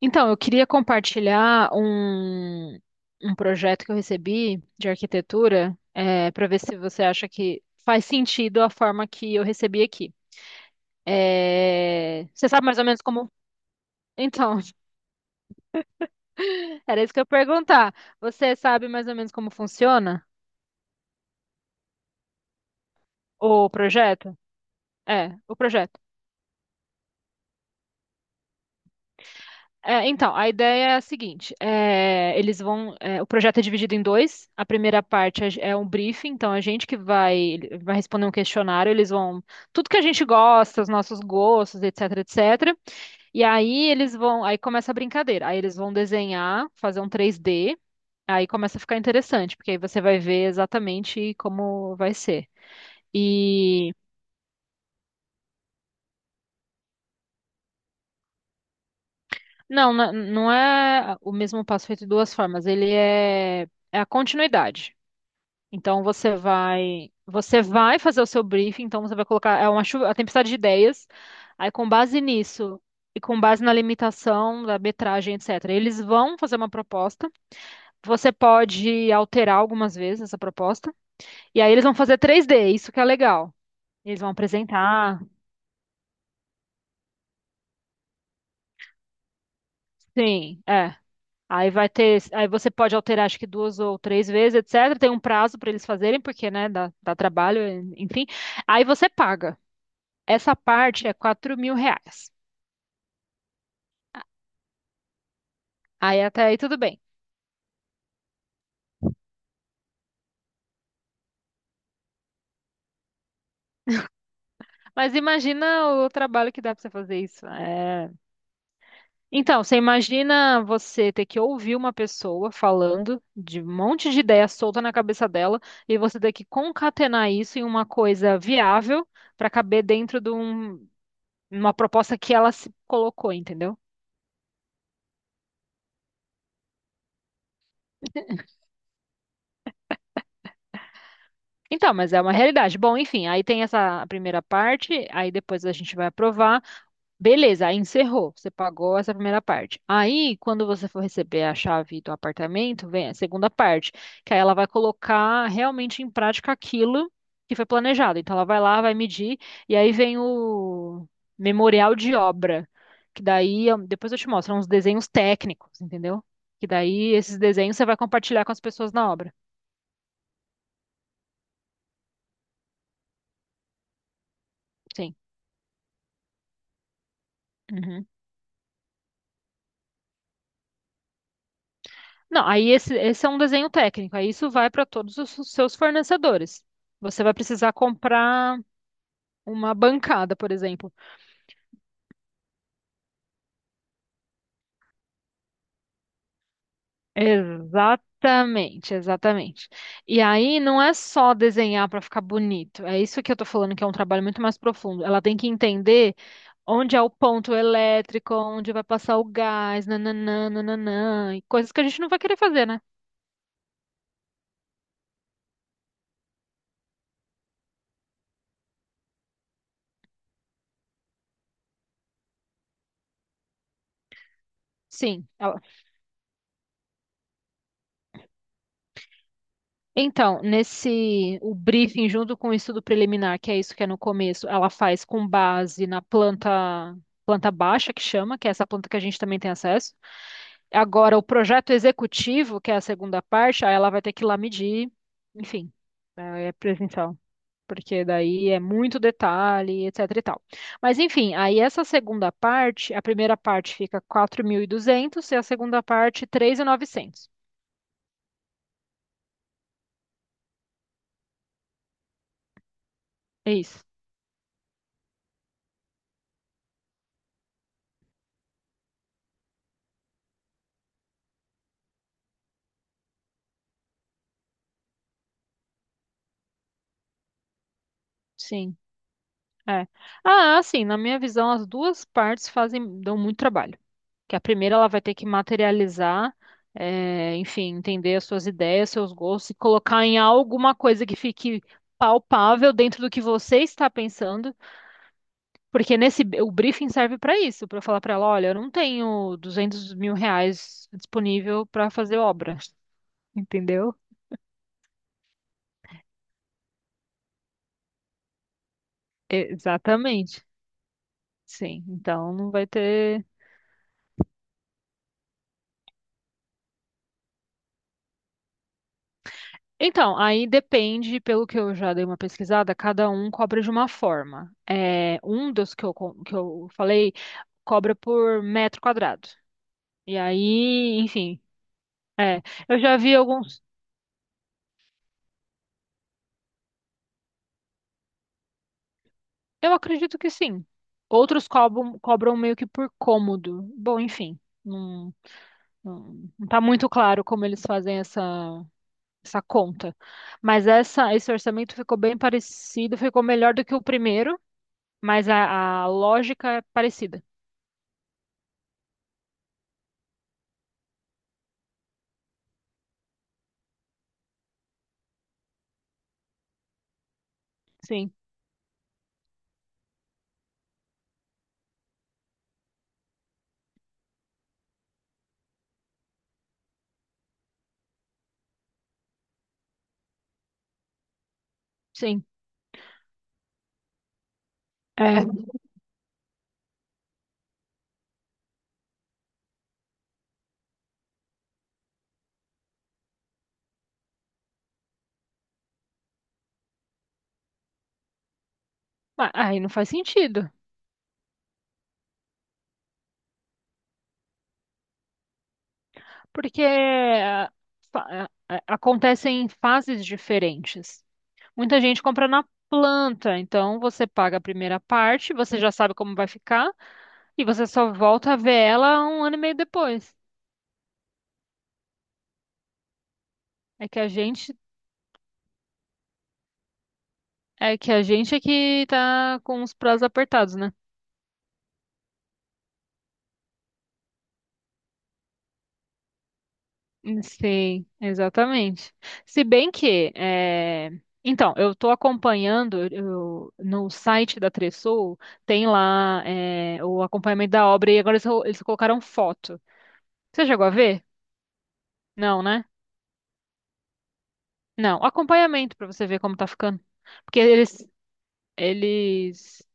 Então, eu queria compartilhar um projeto que eu recebi de arquitetura, para ver se você acha que faz sentido a forma que eu recebi aqui. É, você sabe mais ou menos como. Então, era isso que eu ia perguntar. Você sabe mais ou menos como funciona o projeto? É, o projeto. É, então, a ideia é a seguinte: é, eles vão. É, o projeto é dividido em dois. A primeira parte é um briefing, então a gente que vai, vai responder um questionário, eles vão. Tudo que a gente gosta, os nossos gostos, etc, etc. E aí eles vão. Aí começa a brincadeira. Aí eles vão desenhar, fazer um 3D. Aí começa a ficar interessante, porque aí você vai ver exatamente como vai ser. E. Não, não, não é o mesmo passo feito de duas formas. Ele é, é a continuidade. Então você vai fazer o seu briefing, então você vai colocar é uma chuva, a tempestade de ideias. Aí com base nisso e com base na limitação da metragem, etc. Eles vão fazer uma proposta. Você pode alterar algumas vezes essa proposta. E aí eles vão fazer 3D, isso que é legal. Eles vão apresentar. Sim, é. Aí vai ter, aí você pode alterar acho que duas ou três vezes, etc. Tem um prazo para eles fazerem, porque, né, dá trabalho, enfim. Aí você paga. Essa parte é R$ 4.000. Aí até aí tudo bem. Mas imagina o trabalho que dá pra você fazer isso. É. Então, você imagina você ter que ouvir uma pessoa falando de um monte de ideia solta na cabeça dela e você ter que concatenar isso em uma coisa viável pra caber dentro de uma proposta que ela se colocou, entendeu? Então, mas é uma realidade. Bom, enfim, aí tem essa primeira parte, aí depois a gente vai aprovar. Beleza, aí encerrou. Você pagou essa primeira parte. Aí, quando você for receber a chave do apartamento, vem a segunda parte, que aí ela vai colocar realmente em prática aquilo que foi planejado. Então, ela vai lá, vai medir, e aí vem o memorial de obra, que daí, depois eu te mostro, são uns desenhos técnicos, entendeu? Que daí, esses desenhos você vai compartilhar com as pessoas na obra. Sim. Uhum. Não, aí esse é um desenho técnico, aí isso vai para todos os seus fornecedores. Você vai precisar comprar. Uma bancada, por exemplo. Exatamente, exatamente. E aí não é só desenhar para ficar bonito. É isso que eu tô falando que é um trabalho muito mais profundo. Ela tem que entender onde é o ponto elétrico, onde vai passar o gás, nananã, nananã, e coisas que a gente não vai querer fazer, né? Sim. Então, nesse o briefing junto com o estudo preliminar, que é isso que é no começo, ela faz com base na planta planta baixa que chama, que é essa planta que a gente também tem acesso. Agora, o projeto executivo, que é a segunda parte, aí ela vai ter que ir lá medir, enfim, é presencial, porque daí é muito detalhe, etc e tal. Mas, enfim, aí essa segunda parte, a primeira parte fica 4.200 e a segunda parte 3.900. É isso, sim, é. Ah, sim, na minha visão, as duas partes fazem, dão muito trabalho. Que a primeira ela vai ter que materializar, enfim, entender as suas ideias, seus gostos e colocar em alguma coisa que fique palpável dentro do que você está pensando, porque nesse o briefing serve para isso, para eu falar para ela, olha, eu não tenho R$ 200.000 disponível para fazer obra, entendeu? Exatamente. Sim, então não vai ter. Então, aí depende, pelo que eu já dei uma pesquisada, cada um cobra de uma forma. É, um dos que que eu falei cobra por metro quadrado. E aí, enfim, é, eu já vi alguns, eu acredito que sim. Outros cobram, cobram meio que por cômodo. Bom, enfim, não, não, não tá muito claro como eles fazem essa, essa conta. Mas essa, esse orçamento ficou bem parecido, ficou melhor do que o primeiro, mas a lógica é parecida. Sim, sim. É, aí não faz sentido, porque acontecem em fases diferentes. Muita gente compra na planta, então você paga a primeira parte, você já sabe como vai ficar e você só volta a ver ela um ano e meio depois. É que a gente é que a gente é que tá com os prazos apertados, né? Sim, exatamente. Se bem que, é, então, eu estou acompanhando no site da Tressoul, tem lá é, o acompanhamento da obra e agora eles colocaram foto. Você chegou a ver? Não, né? Não, acompanhamento pra você ver como tá ficando. Porque eles, eles.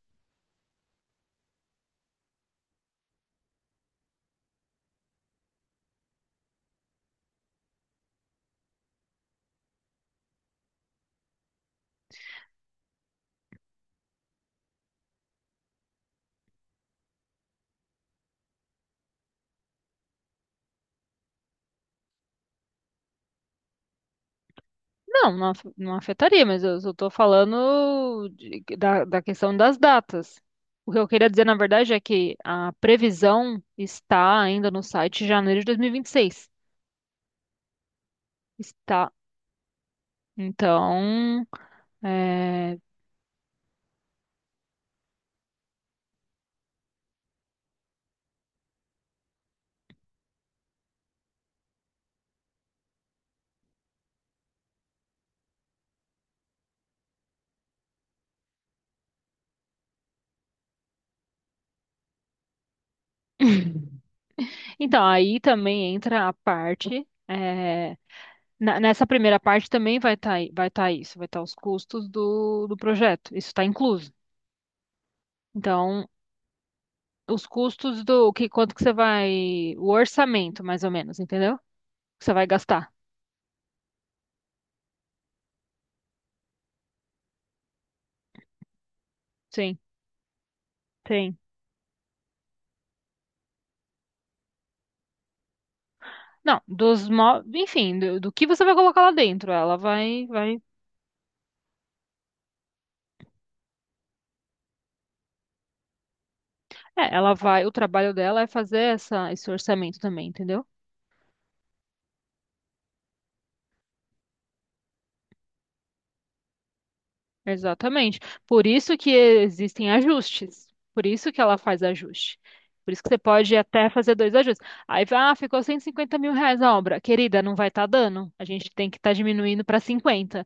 Não, não, não afetaria, mas eu só tô falando da, da questão das datas. O que eu queria dizer, na verdade, é que a previsão está ainda no site de janeiro de dois mil e vinte e seis. Está. Então, é, Então, aí também entra a parte. É, nessa primeira parte também vai estar vai estar os custos do projeto. Isso está incluso. Então, os custos do que quanto que você vai, o orçamento mais ou menos, entendeu? Que você vai gastar. Sim, tem. Não, dos, enfim, do que você vai colocar lá dentro, é, ela vai, o trabalho dela é fazer essa, esse orçamento também, entendeu? Exatamente. Por isso que existem ajustes. Por isso que ela faz ajuste. Por isso que você pode até fazer dois ajustes. Aí, ah, ficou R$ 150.000 a obra. Querida, não vai estar dando. A gente tem que estar diminuindo para 50.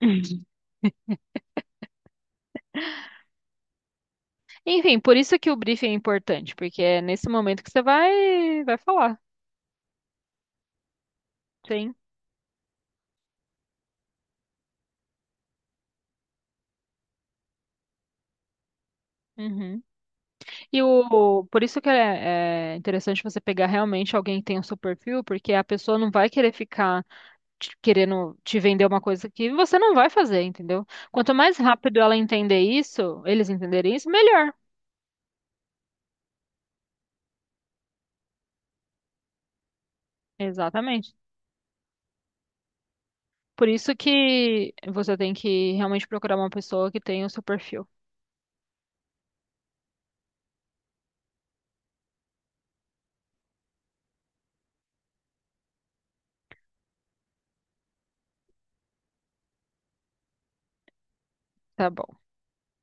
Enfim, por isso que o briefing é importante, porque é nesse momento que você vai, vai falar. Sim. Uhum. E o, por isso que é, é interessante você pegar realmente alguém que tem o seu perfil, porque a pessoa não vai querer ficar querendo te vender uma coisa que você não vai fazer, entendeu? Quanto mais rápido ela entender isso, eles entenderem isso, melhor. Exatamente. Por isso que você tem que realmente procurar uma pessoa que tenha o seu perfil. Tá bom.